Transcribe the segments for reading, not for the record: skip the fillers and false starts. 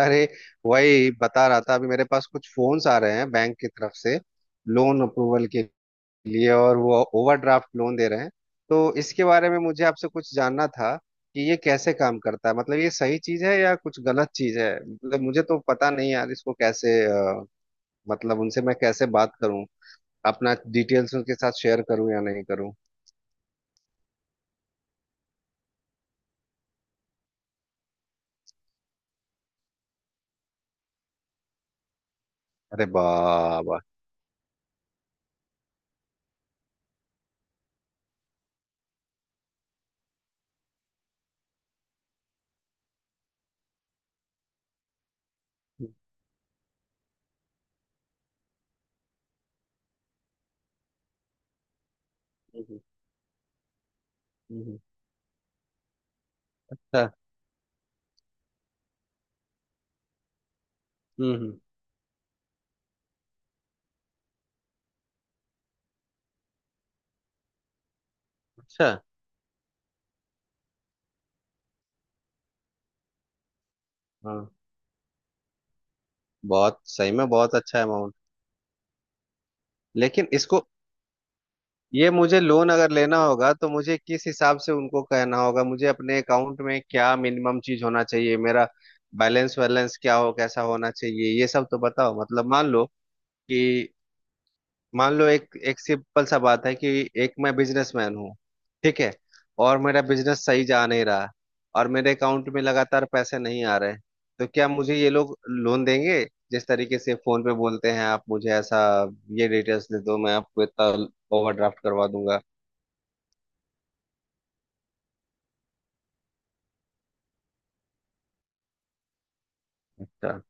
अरे वही बता रहा था। अभी मेरे पास कुछ फोन्स आ रहे हैं बैंक की तरफ से लोन अप्रूवल के लिए और वो ओवरड्राफ्ट लोन दे रहे हैं। तो इसके बारे में मुझे आपसे कुछ जानना था कि ये कैसे काम करता है। मतलब ये सही चीज है या कुछ गलत चीज है। मतलब मुझे तो पता नहीं यार इसको कैसे मतलब उनसे मैं कैसे बात करूं? अपना डिटेल्स उनके साथ शेयर करूं या नहीं करूं? अरे बाबा। हम्म, हम्म। अच्छा। हम्म। अच्छा। हाँ। बहुत सही में बहुत अच्छा अमाउंट। लेकिन इसको ये मुझे लोन अगर लेना होगा तो मुझे किस हिसाब से उनको कहना होगा? मुझे अपने अकाउंट में क्या मिनिमम चीज होना चाहिए? मेरा बैलेंस वैलेंस क्या हो, कैसा होना चाहिए? ये सब तो बताओ। मतलब मान लो कि मान लो एक एक सिंपल सा बात है कि एक मैं बिजनेसमैन हूँ। ठीक है। और मेरा बिजनेस सही जा नहीं रहा। और मेरे अकाउंट में लगातार पैसे नहीं आ रहे। तो क्या मुझे ये लोग लोन देंगे? जिस तरीके से फोन पे बोलते हैं आप मुझे ऐसा, ये डिटेल्स दे दो, मैं आपको इतना ओवरड्राफ्ट करवा दूंगा। अच्छा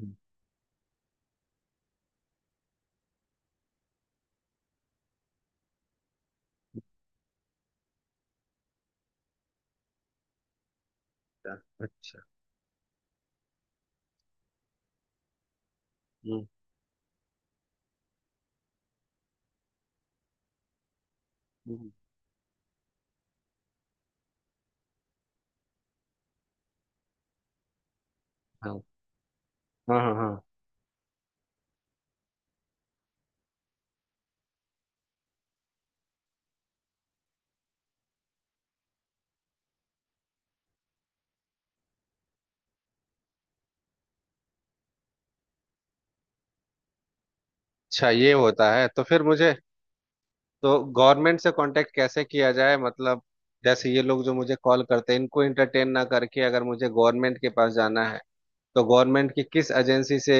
अच्छा अच्छा। हम्म हम्म, हाँ हाँ हाँ हाँ। अच्छा। ये होता है तो फिर मुझे। तो गवर्नमेंट से कांटेक्ट कैसे किया जाए? मतलब जैसे ये लोग जो मुझे कॉल करते हैं इनको एंटरटेन ना करके अगर मुझे गवर्नमेंट के पास जाना है तो गवर्नमेंट की किस एजेंसी से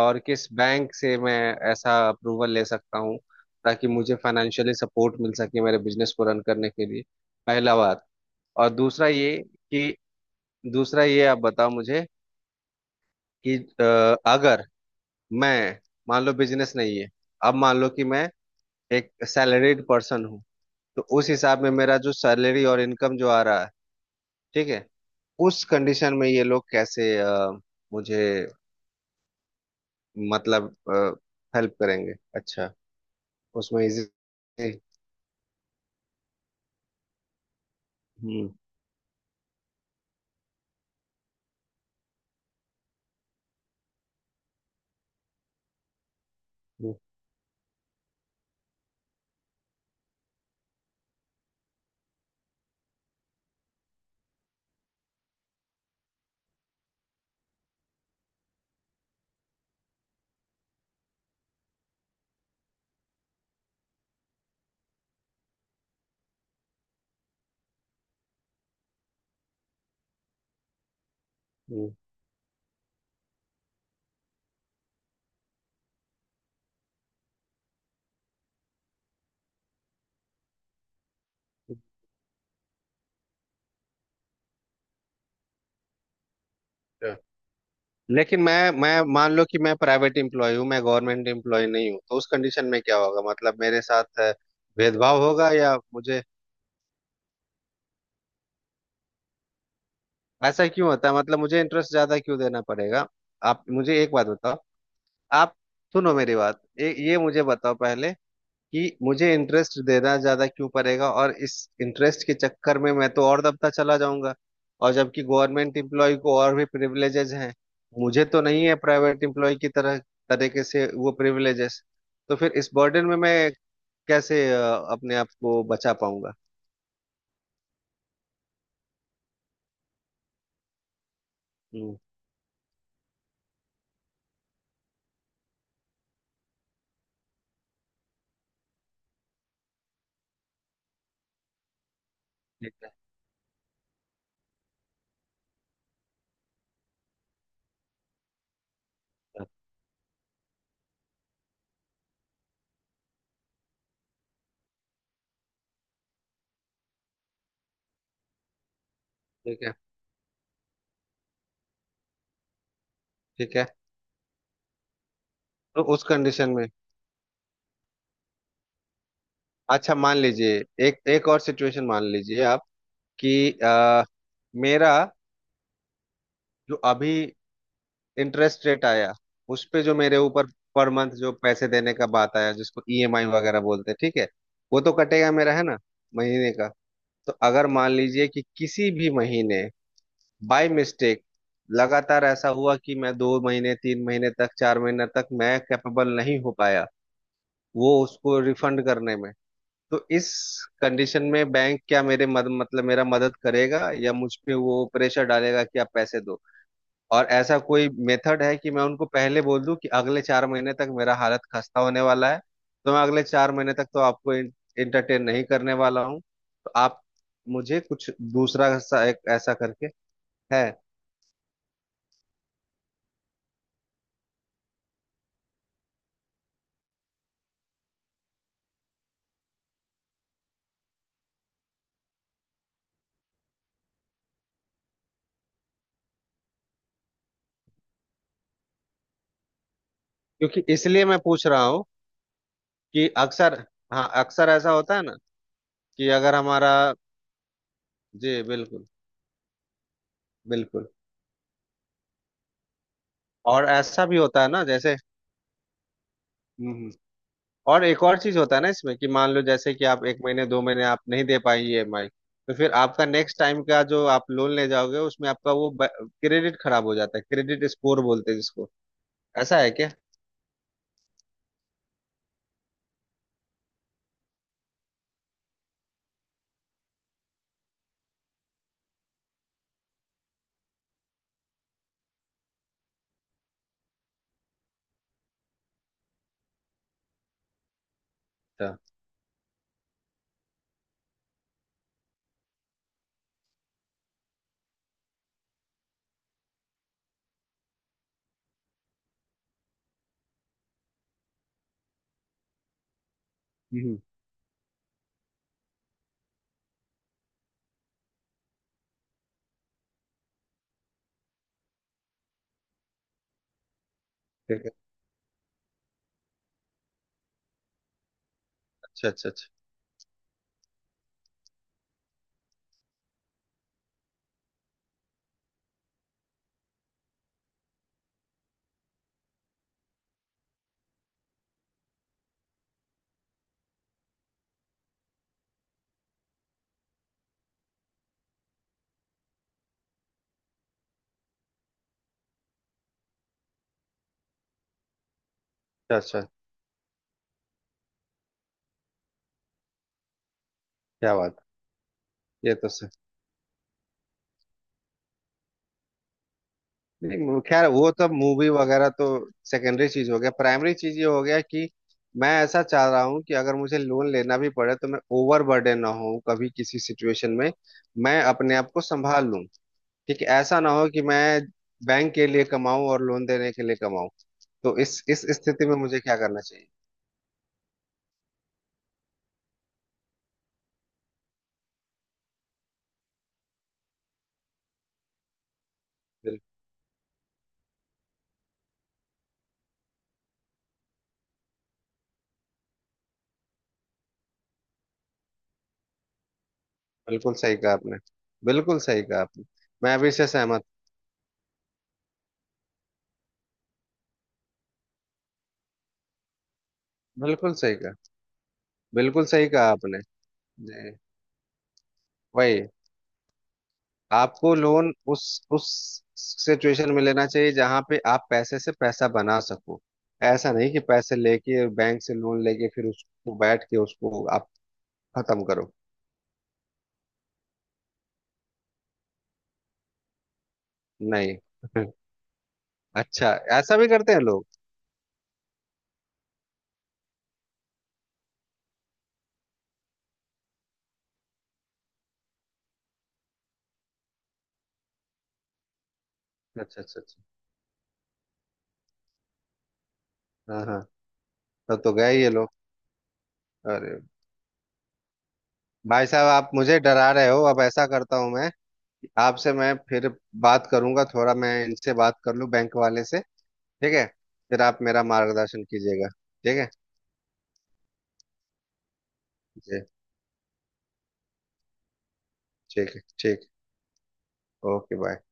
और किस बैंक से मैं ऐसा अप्रूवल ले सकता हूँ ताकि मुझे फाइनेंशियली सपोर्ट मिल सके मेरे बिजनेस को रन करने के लिए? पहला बात। और दूसरा ये कि दूसरा ये आप बताओ मुझे कि अगर मैं, मान लो बिजनेस नहीं है। अब मान लो कि मैं एक सैलरीड पर्सन हूँ। तो उस हिसाब में मेरा जो सैलरी और इनकम जो आ रहा है, ठीक है, उस कंडीशन में ये लोग कैसे मुझे मतलब हेल्प करेंगे? अच्छा। उसमें इजी। हम्म हम्म, हम्म। अच्छा। लेकिन मैं मान लो कि मैं प्राइवेट एम्प्लॉय हूँ, मैं गवर्नमेंट एम्प्लॉय नहीं हूँ, तो उस कंडीशन में क्या होगा? मतलब मेरे साथ भेदभाव होगा या मुझे? ऐसा क्यों होता है? मतलब मुझे इंटरेस्ट ज्यादा क्यों देना पड़ेगा? आप मुझे एक बात बताओ। आप सुनो मेरी बात। ये मुझे बताओ पहले कि मुझे इंटरेस्ट देना ज्यादा क्यों पड़ेगा? और इस इंटरेस्ट के चक्कर में मैं तो और दबता चला जाऊंगा। और जबकि गवर्नमेंट एम्प्लॉय को और भी प्रिविलेजेस हैं, मुझे तो नहीं है प्राइवेट एम्प्लॉय की तरह तरीके से वो प्रिविलेजेस। तो फिर इस बर्डन में मैं कैसे अपने आप को बचा पाऊंगा? हम्म, ठीक है ठीक है ठीक है। तो उस कंडीशन में। अच्छा, मान लीजिए। एक एक और सिचुएशन मान लीजिए आप कि मेरा जो अभी इंटरेस्ट रेट आया, उस पे जो मेरे ऊपर पर मंथ जो पैसे देने का बात आया जिसको ईएमआई वगैरह बोलते हैं, ठीक है, वो तो कटेगा मेरा है ना महीने का। तो अगर मान लीजिए कि किसी भी महीने बाय मिस्टेक लगातार ऐसा हुआ कि मैं दो महीने तीन महीने तक चार महीने तक मैं कैपेबल नहीं हो पाया वो उसको रिफंड करने में, तो इस कंडीशन में बैंक क्या मतलब मेरा मदद करेगा या मुझ पे वो प्रेशर डालेगा कि आप पैसे दो? और ऐसा कोई मेथड है कि मैं उनको पहले बोल दूं कि अगले चार महीने तक मेरा हालत खस्ता होने वाला है, तो मैं अगले चार महीने तक तो आपको इंटरटेन नहीं करने वाला हूँ, तो आप मुझे कुछ दूसरा सा एक ऐसा करके है? क्योंकि इसलिए मैं पूछ रहा हूँ कि अक्सर। हाँ अक्सर ऐसा होता है ना कि अगर हमारा। जी बिल्कुल बिल्कुल। और ऐसा भी होता है ना जैसे। हम्म हम्म। और एक और चीज होता है ना इसमें, कि मान लो जैसे कि आप एक महीने दो महीने आप नहीं दे पाई ईएमआई, तो फिर आपका नेक्स्ट टाइम का जो आप लोन ले जाओगे उसमें आपका वो क्रेडिट खराब हो जाता है, क्रेडिट स्कोर बोलते हैं जिसको। ऐसा है क्या? अच्छा। हम्म। ठीक है। अच्छा अच्छा अच्छा। अच्छा अच्छा, क्या बात है। ये तो सर। नहीं खैर वो तो मूवी वगैरह तो सेकेंडरी चीज हो गया, प्राइमरी चीज ये हो गया कि मैं ऐसा चाह रहा हूँ कि अगर मुझे लोन लेना भी पड़े तो मैं ओवर बर्डन ना हूँ कभी किसी सिचुएशन में। मैं अपने आप को संभाल लूँ। ठीक है, ऐसा ना हो कि मैं बैंक के लिए कमाऊं और लोन देने के लिए कमाऊं। तो इस स्थिति में मुझे क्या करना चाहिए? बिल, बिल्कुल सही कहा आपने। बिल्कुल सही कहा आपने। मैं अभी से सहमत। बिल्कुल सही कहा। बिल्कुल सही कहा आपने। जी। वही। आपको लोन उस सिचुएशन में लेना चाहिए जहां पे आप पैसे से पैसा बना सको। ऐसा नहीं कि पैसे लेके बैंक से लोन लेके फिर उसको बैठ के उसको आप खत्म करो। नहीं। अच्छा। ऐसा भी करते हैं लोग? अच्छा अच्छा अच्छा। हाँ हाँ। तब तो गए ये लोग। अरे भाई साहब आप मुझे डरा रहे हो। अब ऐसा करता हूँ मैं, आपसे मैं फिर बात करूंगा, थोड़ा मैं इनसे बात कर लूँ बैंक वाले से। ठीक है। फिर आप मेरा मार्गदर्शन कीजिएगा। ठीक है। जी। ठीक है ठीक। Okay bye.